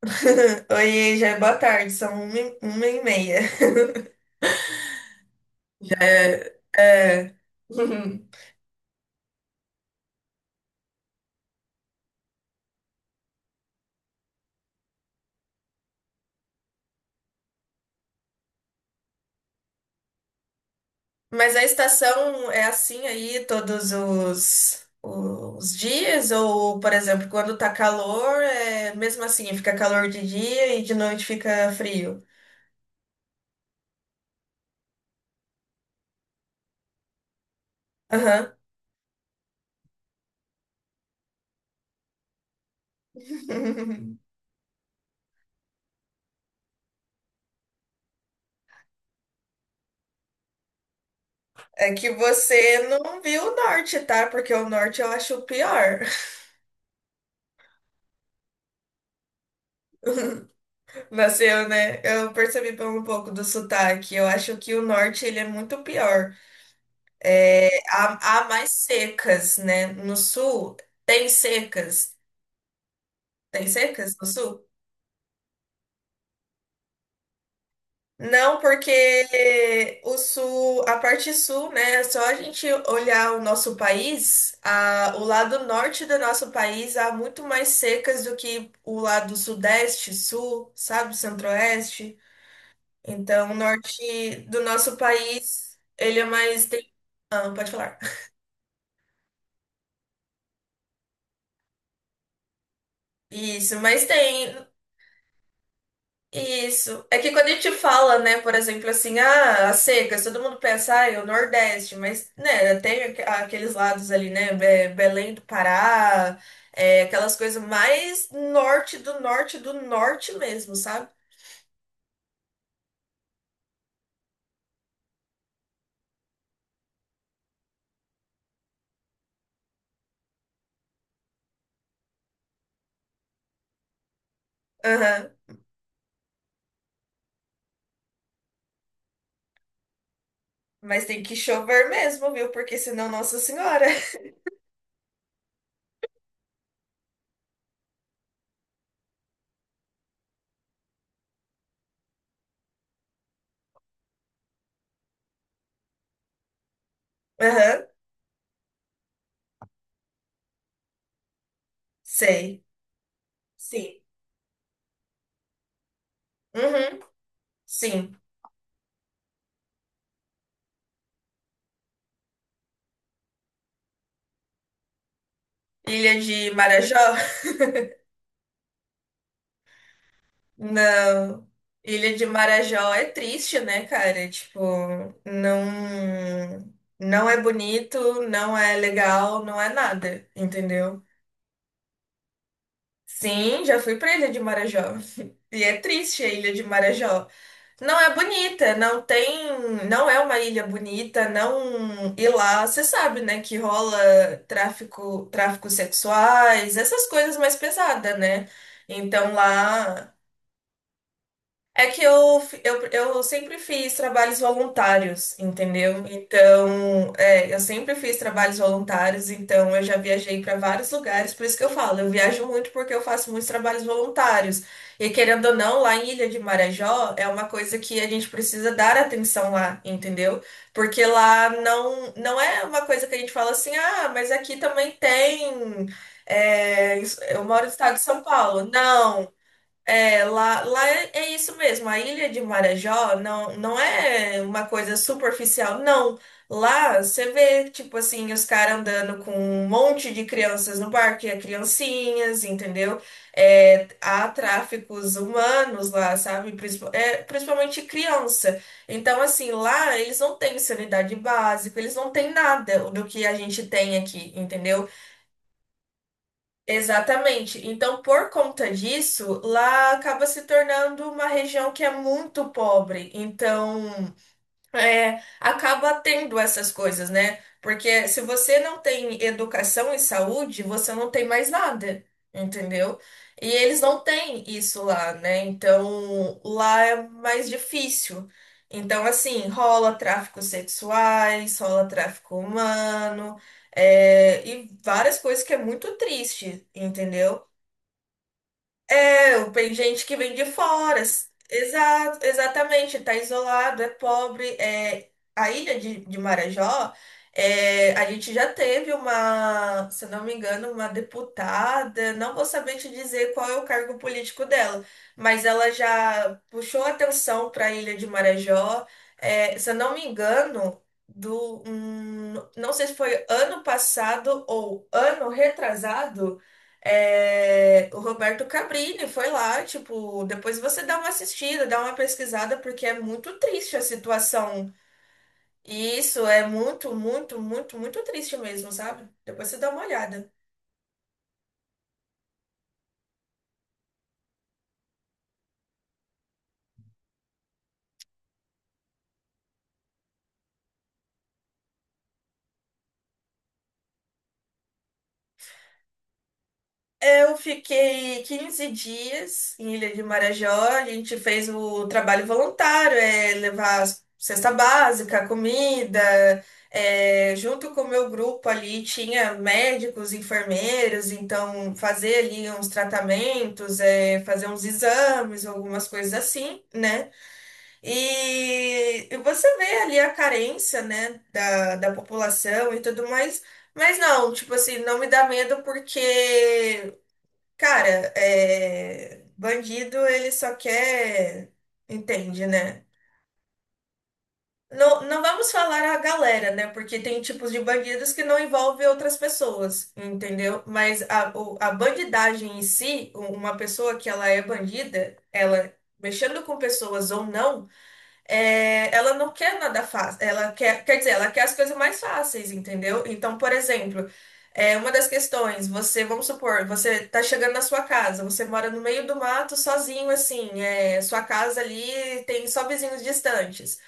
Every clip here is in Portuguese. Oi, já é boa tarde, são uma e meia. Já é, é. Uhum. Mas a estação é assim aí todos os dias? Ou, por exemplo, quando tá calor, é mesmo assim, fica calor de dia e de noite fica frio? Aham. É que você não viu o norte, tá? Porque o norte eu acho o pior. Nasceu, né? Eu percebi pelo um pouco do sotaque. Eu acho que o norte ele é muito pior. É, há mais secas, né? No sul tem secas. Tem secas no sul? Não, porque o sul, a parte sul, né? É só a gente olhar o nosso país, o lado norte do nosso país há muito mais secas do que o lado sudeste, sul, sabe? Centro-oeste. Então, o norte do nosso país, ele é mais. Tem... Ah, pode falar. Isso, mas tem. Isso. É que quando a gente fala, né, por exemplo, assim, ah, as secas, todo mundo pensa, ah, é o Nordeste, mas, né, tem aqueles lados ali, né, Belém do Pará, é, aquelas coisas mais norte do norte do norte mesmo, sabe? Aham. Mas tem que chover mesmo, viu? Porque senão, Nossa Senhora. Aham, sei. Sim. Uhum, sim. Ilha de Marajó? Não. Ilha de Marajó é triste, né, cara? Tipo, não, não é bonito, não é legal, não é nada, entendeu? Sim, já fui pra Ilha de Marajó. E é triste a Ilha de Marajó. Não é bonita, não tem, não é uma ilha bonita, não. E lá, você sabe, né, que rola tráfico, tráfico sexuais, essas coisas mais pesadas, né? Então lá é que eu sempre fiz trabalhos voluntários, entendeu? Então, é, eu sempre fiz trabalhos voluntários, então eu já viajei para vários lugares, por isso que eu falo, eu viajo muito porque eu faço muitos trabalhos voluntários. E querendo ou não, lá em Ilha de Marajó é uma coisa que a gente precisa dar atenção lá, entendeu? Porque lá não, não é uma coisa que a gente fala assim, ah, mas aqui também tem. É, eu moro no estado de São Paulo. Não. É, lá é isso mesmo. A ilha de Marajó não, não é uma coisa superficial, não. Lá você vê, tipo assim, os caras andando com um monte de crianças no barco, e é criancinhas, entendeu? É, há tráficos humanos lá, sabe? Principalmente criança. Então, assim, lá eles não têm sanidade básica, eles não têm nada do que a gente tem aqui, entendeu? Exatamente. Então, por conta disso, lá acaba se tornando uma região que é muito pobre. Então, é, acaba tendo essas coisas, né? Porque se você não tem educação e saúde, você não tem mais nada, entendeu? E eles não têm isso lá, né? Então, lá é mais difícil. Então, assim, rola tráfico sexuais, rola tráfico humano, é, e várias coisas que é muito triste, entendeu? É, tem gente que vem de fora. Exato, exatamente, tá isolado, é pobre. É, a ilha de Marajó, é, a gente já teve uma, se não me engano, uma deputada, não vou saber te dizer qual é o cargo político dela, mas ela já puxou atenção para a ilha de Marajó. É, se eu não me engano, não sei se foi ano passado ou ano retrasado. É, o Roberto Cabrini foi lá, tipo, depois você dá uma assistida, dá uma pesquisada, porque é muito triste a situação. E isso é muito, muito, muito, muito triste mesmo, sabe? Depois você dá uma olhada. Eu fiquei 15 dias em Ilha de Marajó. A gente fez o trabalho voluntário, é levar cesta básica, comida. É, junto com o meu grupo ali tinha médicos, enfermeiros, então fazer ali uns tratamentos, é, fazer uns exames, algumas coisas assim, né? E você vê ali a carência, né, da população e tudo mais. Mas não, tipo assim, não me dá medo porque cara, é, bandido ele só quer, entende, né? Não, não vamos falar a galera, né? Porque tem tipos de bandidos que não envolvem outras pessoas, entendeu? Mas a bandidagem em si, uma pessoa que ela é bandida, ela mexendo com pessoas ou não é, ela não quer nada fácil. Ela quer, quer dizer, ela quer as coisas mais fáceis, entendeu? Então, por exemplo, é, uma das questões, você, vamos supor, você tá chegando na sua casa, você mora no meio do mato sozinho, assim, é, sua casa ali tem só vizinhos distantes.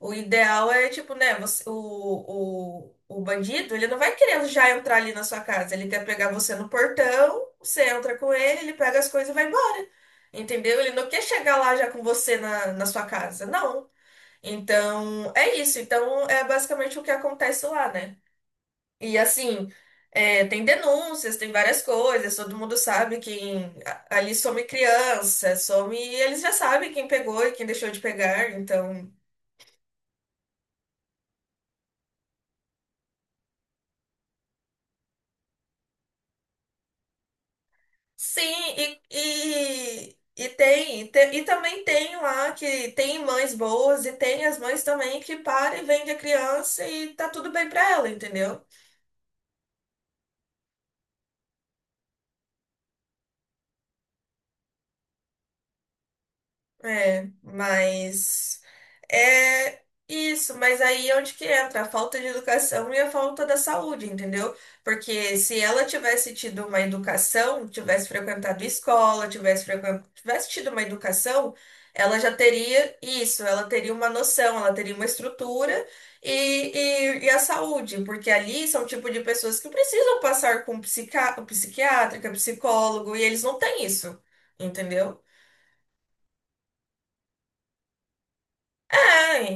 O ideal é, tipo, né, o bandido, ele não vai querer já entrar ali na sua casa, ele quer pegar você no portão, você entra com ele, ele pega as coisas e vai embora. Entendeu? Ele não quer chegar lá já com você na sua casa. Não. Então, é isso. Então, é basicamente o que acontece lá, né? E assim, é, tem denúncias, tem várias coisas, todo mundo sabe quem. Ali some criança, some. E eles já sabem quem pegou e quem deixou de pegar, então. Sim, e, e, e tem, e também tem lá que tem mães boas e tem as mães também que param e vendem a criança e tá tudo bem pra ela, entendeu? É, mas. É isso, mas aí é onde que entra a falta de educação e a falta da saúde, entendeu? Porque se ela tivesse tido uma educação, tivesse frequentado escola, tivesse tido uma educação, ela já teria isso, ela teria uma noção, ela teria uma estrutura e, e a saúde, porque ali são o tipo de pessoas que precisam passar com psiquiátrica, psicólogo, e eles não têm isso, entendeu? É,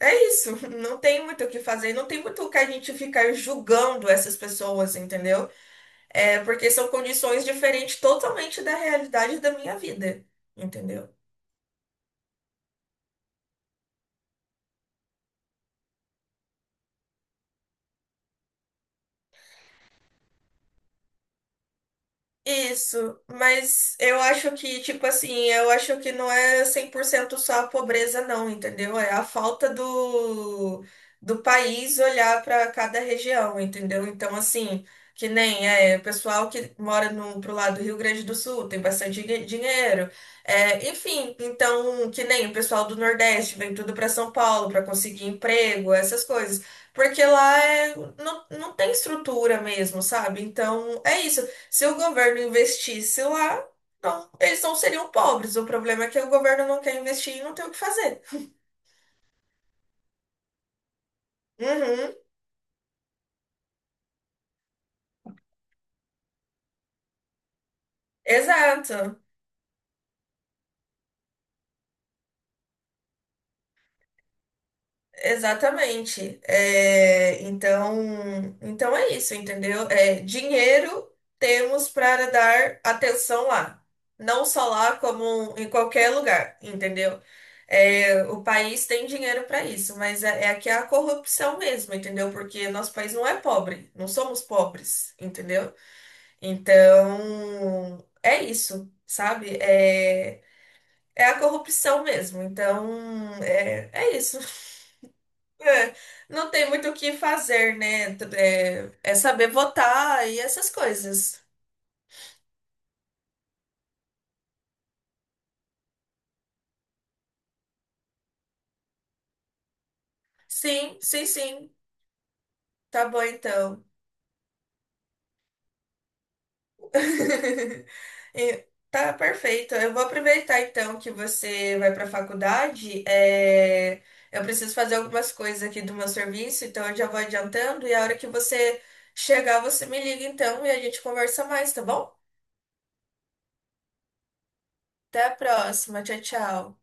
é, É isso. Não tem muito o que fazer, não tem muito o que a gente ficar julgando essas pessoas, entendeu? É porque são condições diferentes totalmente da realidade da minha vida, entendeu? Isso, mas eu acho que, tipo assim, eu acho que não é 100% só a pobreza, não, entendeu? É a falta do país olhar para cada região, entendeu? Então, assim, que nem é, o pessoal que mora no, pro lado do Rio Grande do Sul tem bastante dinheiro, é, enfim, então, que nem o pessoal do Nordeste vem tudo para São Paulo para conseguir emprego, essas coisas. Porque lá é, não, não tem estrutura mesmo, sabe? Então, é isso. Se o governo investisse lá, não, eles não seriam pobres. O problema é que o governo não quer investir e não tem o que fazer. Uhum, exato, exatamente. É, então, então é isso, entendeu? É, dinheiro temos para dar atenção lá. Não só lá, como em qualquer lugar, entendeu? É, o país tem dinheiro para isso, mas é, é aqui a corrupção mesmo, entendeu? Porque nosso país não é pobre, não somos pobres, entendeu? Então, é isso, sabe? É, é a corrupção mesmo. Então, é, é isso. É, não tem muito o que fazer, né? É, é saber votar e essas coisas. Sim, sim, sim. Tá bom, então. E- Tá perfeito. Eu vou aproveitar então que você vai para a faculdade. É, eu preciso fazer algumas coisas aqui do meu serviço, então eu já vou adiantando. E a hora que você chegar, você me liga então e a gente conversa mais, tá bom? Até a próxima. Tchau, tchau.